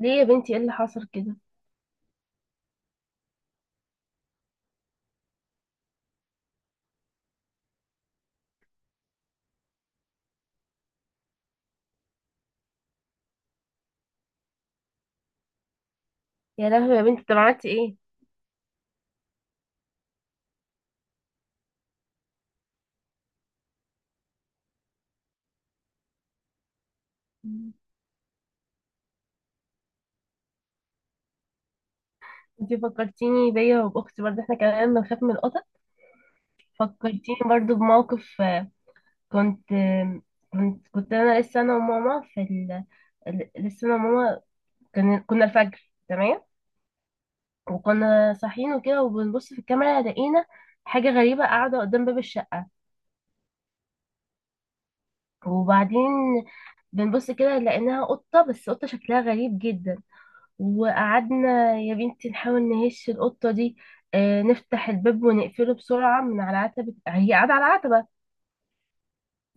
ليه يا بنتي، ايه اللي حصل كده؟ يا لهوي يا بنتي، طب عملتي ايه؟ مم. انتي فكرتيني بيا وباختي، برضه احنا كمان بنخاف من القطط. فكرتيني برضه بموقف. كنت آه، كنت كنت انا وماما لسه انا وماما كنا الفجر تمام. وكنا صاحيين وكده، وبنبص في الكاميرا لقينا حاجة غريبة قاعدة قدام باب الشقة. وبعدين بنبص كده لقيناها قطة، بس قطة شكلها غريب جدا. وقعدنا يا بنتي نحاول نهش القطة دي. نفتح الباب ونقفله بسرعة من على عتبة، هي قاعدة على عتبة.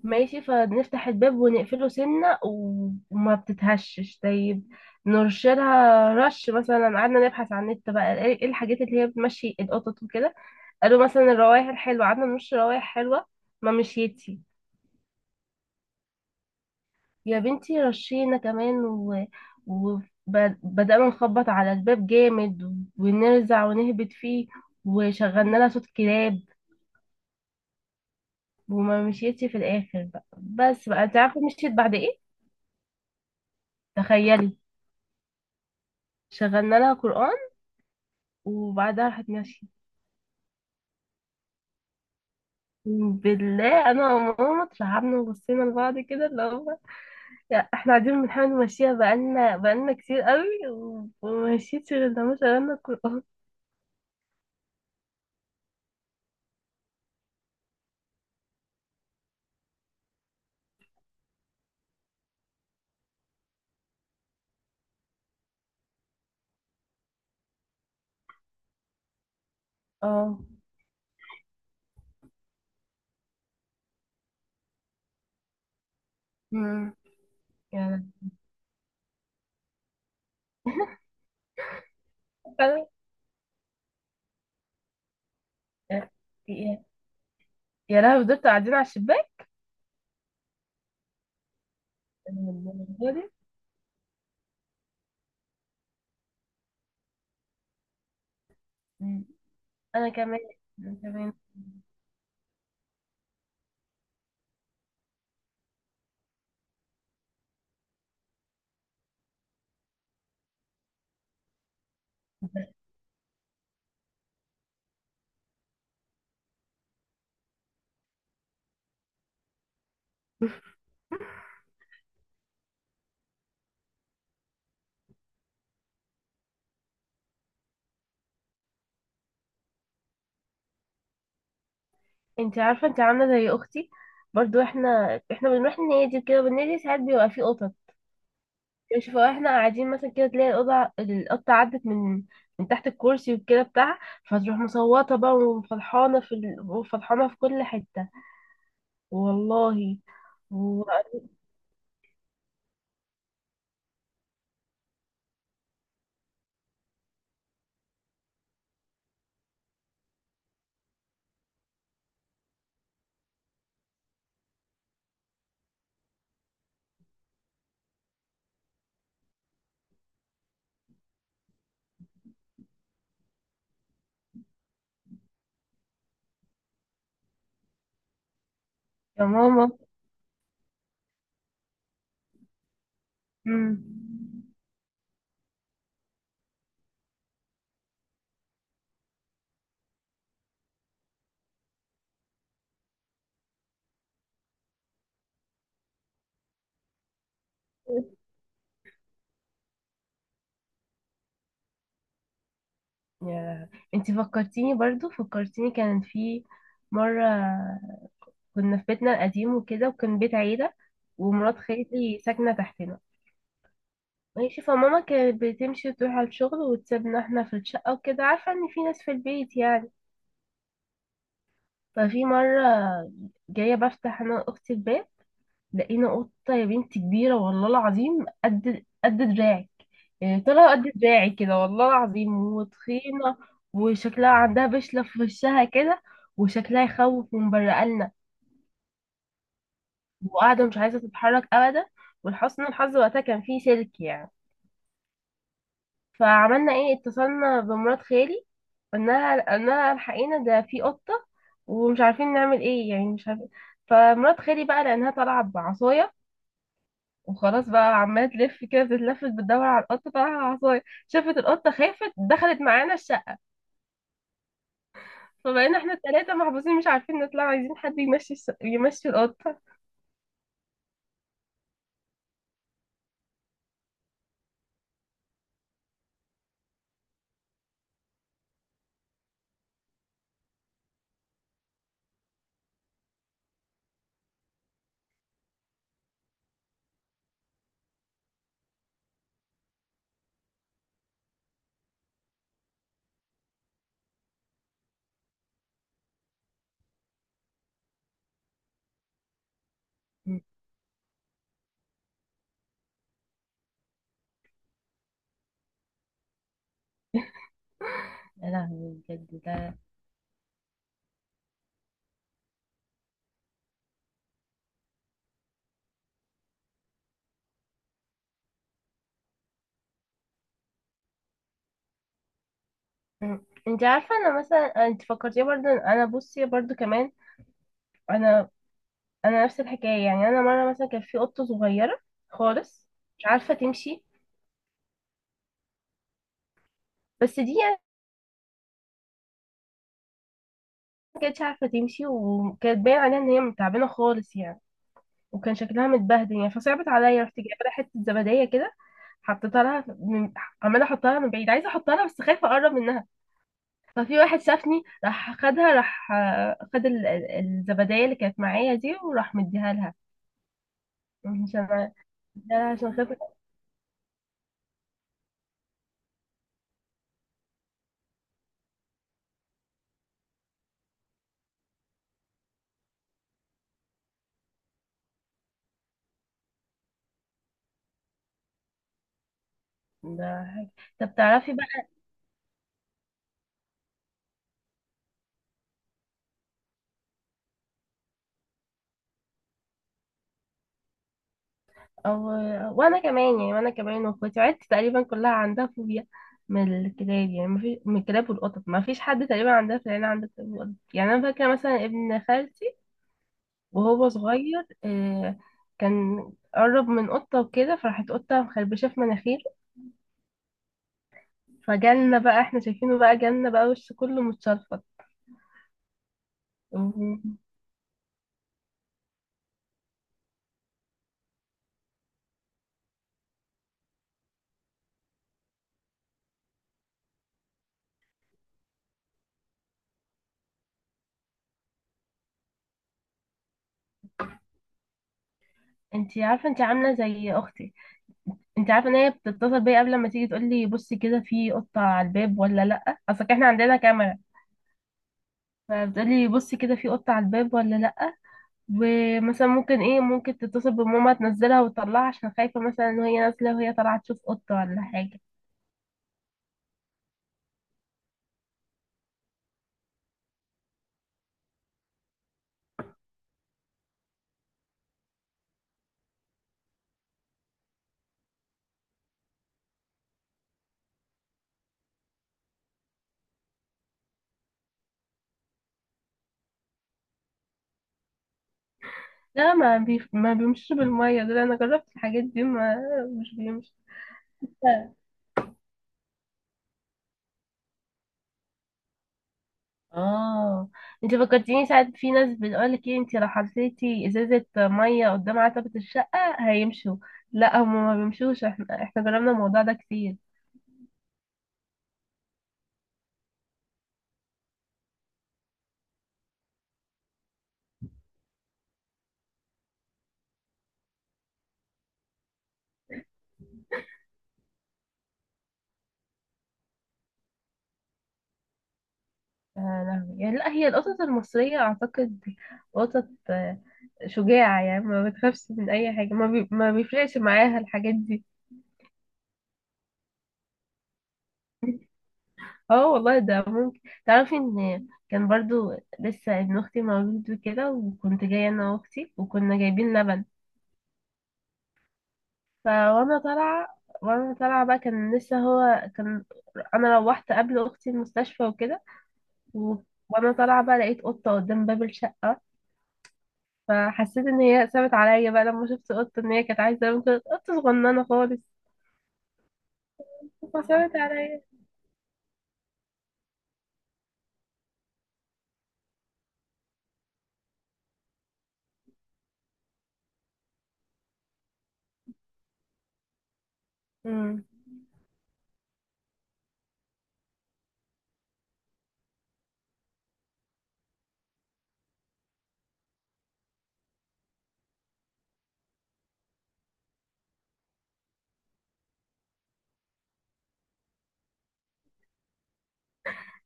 ماشي، فنفتح الباب ونقفله سنة و- وما بتتهشش. طيب، نرشلها رش مثلا. قعدنا نبحث على النت بقى إيه الحاجات اللي هي بتمشي القطط وكده. قالوا مثلا الروايح الحلوة، قعدنا نرش روايح حلوة. ما مشيتش. يا بنتي رشينا كمان وبدأنا نخبط على الباب جامد، ونرزع ونهبط فيه. وشغلنا لها صوت كلاب. وما مشيتش في الآخر بقى، بس بقى انت عارفة مشيت بعد ايه؟ تخيلي. شغلنا لها قرآن، وبعدها راحت ماشية. بالله انا وماما اترعبنا وبصينا لبعض كده، اللي هو لا، احنا قاعدين بنحاول نمشيها بقالنا كتير قوي. ومشيتش غير لما شغلنا القرآن. اه. مم. يعني. يا يا لهوي، دول قاعدين على الشباك. أنا بالنسبة لي- مم. أنا كمان، أنا كمان. انت عارفة، انت عاملة زي أختي. برضو احنا بنروح النادي وكده، والنادي ساعات بيبقى فيه قطط. شوف، احنا قاعدين مثلا كده تلاقي القطة عدت من تحت الكرسي وكده بتاعها. فتروح مصوتة بقى وفرحانة في كل حتة. والله. و... يا ماما. مم. يا انتي، فكرتيني برضو فكرتيني كان في مرة. كنا في بيتنا القديم وكده، وكان بيت عيلة. ومرات خالي ساكنة تحتنا. ماشي، فماما كانت بتمشي وتروح على الشغل وتسيبنا احنا في الشقة وكده، عارفة ان في ناس في البيت يعني. ففي مرة، جاية بفتح انا واختي الباب، لقينا قطة يا بنتي كبيرة، والله العظيم، قد دراعي. يعني طلع قد دراعي كده، والله العظيم، وتخينة. وشكلها عندها بشلة في وشها كده، وشكلها يخوف من بره قالنا. وقاعدة مش عايزة تتحرك أبدا. ولحسن الحظ وقتها كان فيه سلك يعني. فعملنا ايه؟ اتصلنا بمرات خالي، قلناها الحقينا ده في قطة، ومش عارفين نعمل ايه، يعني مش عارفين. فمرات خالي بقى، لأنها طالعة بعصاية وخلاص بقى عمالة تلف كده، بتتلفت بتدور على القطة، طالعة على العصاية، شافت القطة خافت، دخلت معانا. فبقينا احنا التلاتة محبوسين، مش عارفين نطلع، عايزين حد يمشي يمشي القطة. يا لهوي، بجد ده. مم. انت عارفة، انا مثلا انت فكرتيني برضه إن انا، بصي برضه كمان. انا انا نفس الحكاية. يعني انا مرة مثلا كان في قطة صغيرة خالص، مش عارفة تمشي. بس دي يعني ما كانتش عارفة تمشي، وكانت باين عليها ان هي تعبانة خالص يعني، وكان شكلها متبهدل يعني. فصعبت عليا، رحت جايبة لها حتة زبدية كده، حطيتها لها من، عمالة احطها لها من بعيد، عايزة احطها لها بس خايفة اقرب منها. ففي واحد شافني راح خدها، راح خد الزبدية اللي كانت معايا دي، وراح مديها لها. عشان. ده عشان خاطر. ده طب تعرفي بقى. أو... وانا كمان يعني، وانا كمان واخواتي عيلتي تقريبا كلها عندها فوبيا من الكلاب. يعني ما فيش من الكلاب والقطط، ما فيش حد تقريبا عندها في العيله عنده كلاب وقطط. يعني انا فاكره مثلا ابن خالتي وهو صغير، آه، كان قرب من قطه وكده، فراحت قطه مخربشه في مناخيره. فجالنا بقى، احنا شايفينه بقى، جالنا بقى وش كله متشرفط. و- انتي عارفه، انتي عامله زي اختي. انتي عارفه ان هي بتتصل بيا قبل ما تيجي تقول لي بصي كده، في قطه على الباب ولا لا، اصل احنا عندنا كاميرا. فبتقول لي بصي كده في قطه على الباب ولا لا. ومثلا ممكن ايه، ممكن تتصل بماما تنزلها وتطلعها، عشان خايفه مثلا ان هي نازله، وهي طالعه تشوف قطه ولا حاجه. لا، ما بيمشيش بالميه ده. انا جربت الحاجات دي ما، مش بيمشي. اه، انت فكرتيني، ساعات في ناس بتقولك ايه، انت لو حطيتي ازازة مية قدام عتبة الشقة هيمشوا. لا، هم ما بيمشوش، احنا جربنا الموضوع ده كتير. آه لا. يعني لا، هي القطط المصرية اعتقد قطط شجاعة، يعني ما بتخافش من اي حاجة، ما بيفرقش معاها الحاجات دي. اه، والله ده ممكن. تعرفي ان كان برضو لسه ابن اختي مولود وكده، وكنت جاية انا واختي وكنا جايبين لبن. فوانا طالعة، وانا طالعة بقى كان لسه هو كان. انا روحت قبل اختي المستشفى وكده، و... وانا طالعة بقى لقيت قطة قدام باب الشقة. فحسيت ان هي سابت عليا بقى، لما شفت قطة ان هي كانت عايزة، ممكن قطة صغننة خالص، فسابت عليا. امم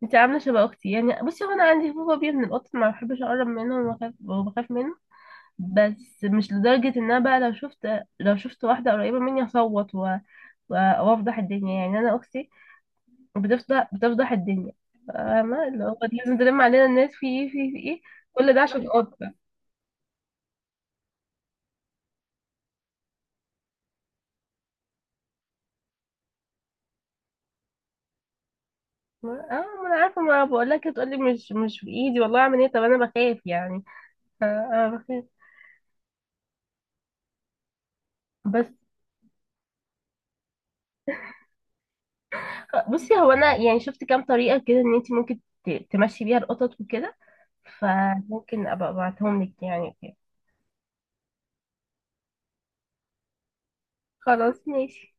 انت عاملة شبه اختي، يعني بصي هو انا عندي فوبيا بيه من القطط، ما بحبش اقرب منه وبخاف وبخاف منه. بس مش لدرجة ان انا بقى لو شفت، لو شفت واحدة قريبة مني هصوت و- وافضح الدنيا، يعني انا اختي وبتفضح الدنيا، فاهمة، اللي هو لازم تلم علينا الناس في ايه في إيه، في ايه. كل ده عشان قطة. اه، ما انا عارفة، ما بقول لك تقولي مش في ايدي والله، اعمل ايه، طب انا بخاف يعني. آه، آه، بخاف. بس بصي، هو انا يعني شفت كام طريقة كده ان انت ممكن تمشي بيها القطط وكده. فممكن ابقى ابعتهم لك يعني كده. خلاص ماشي.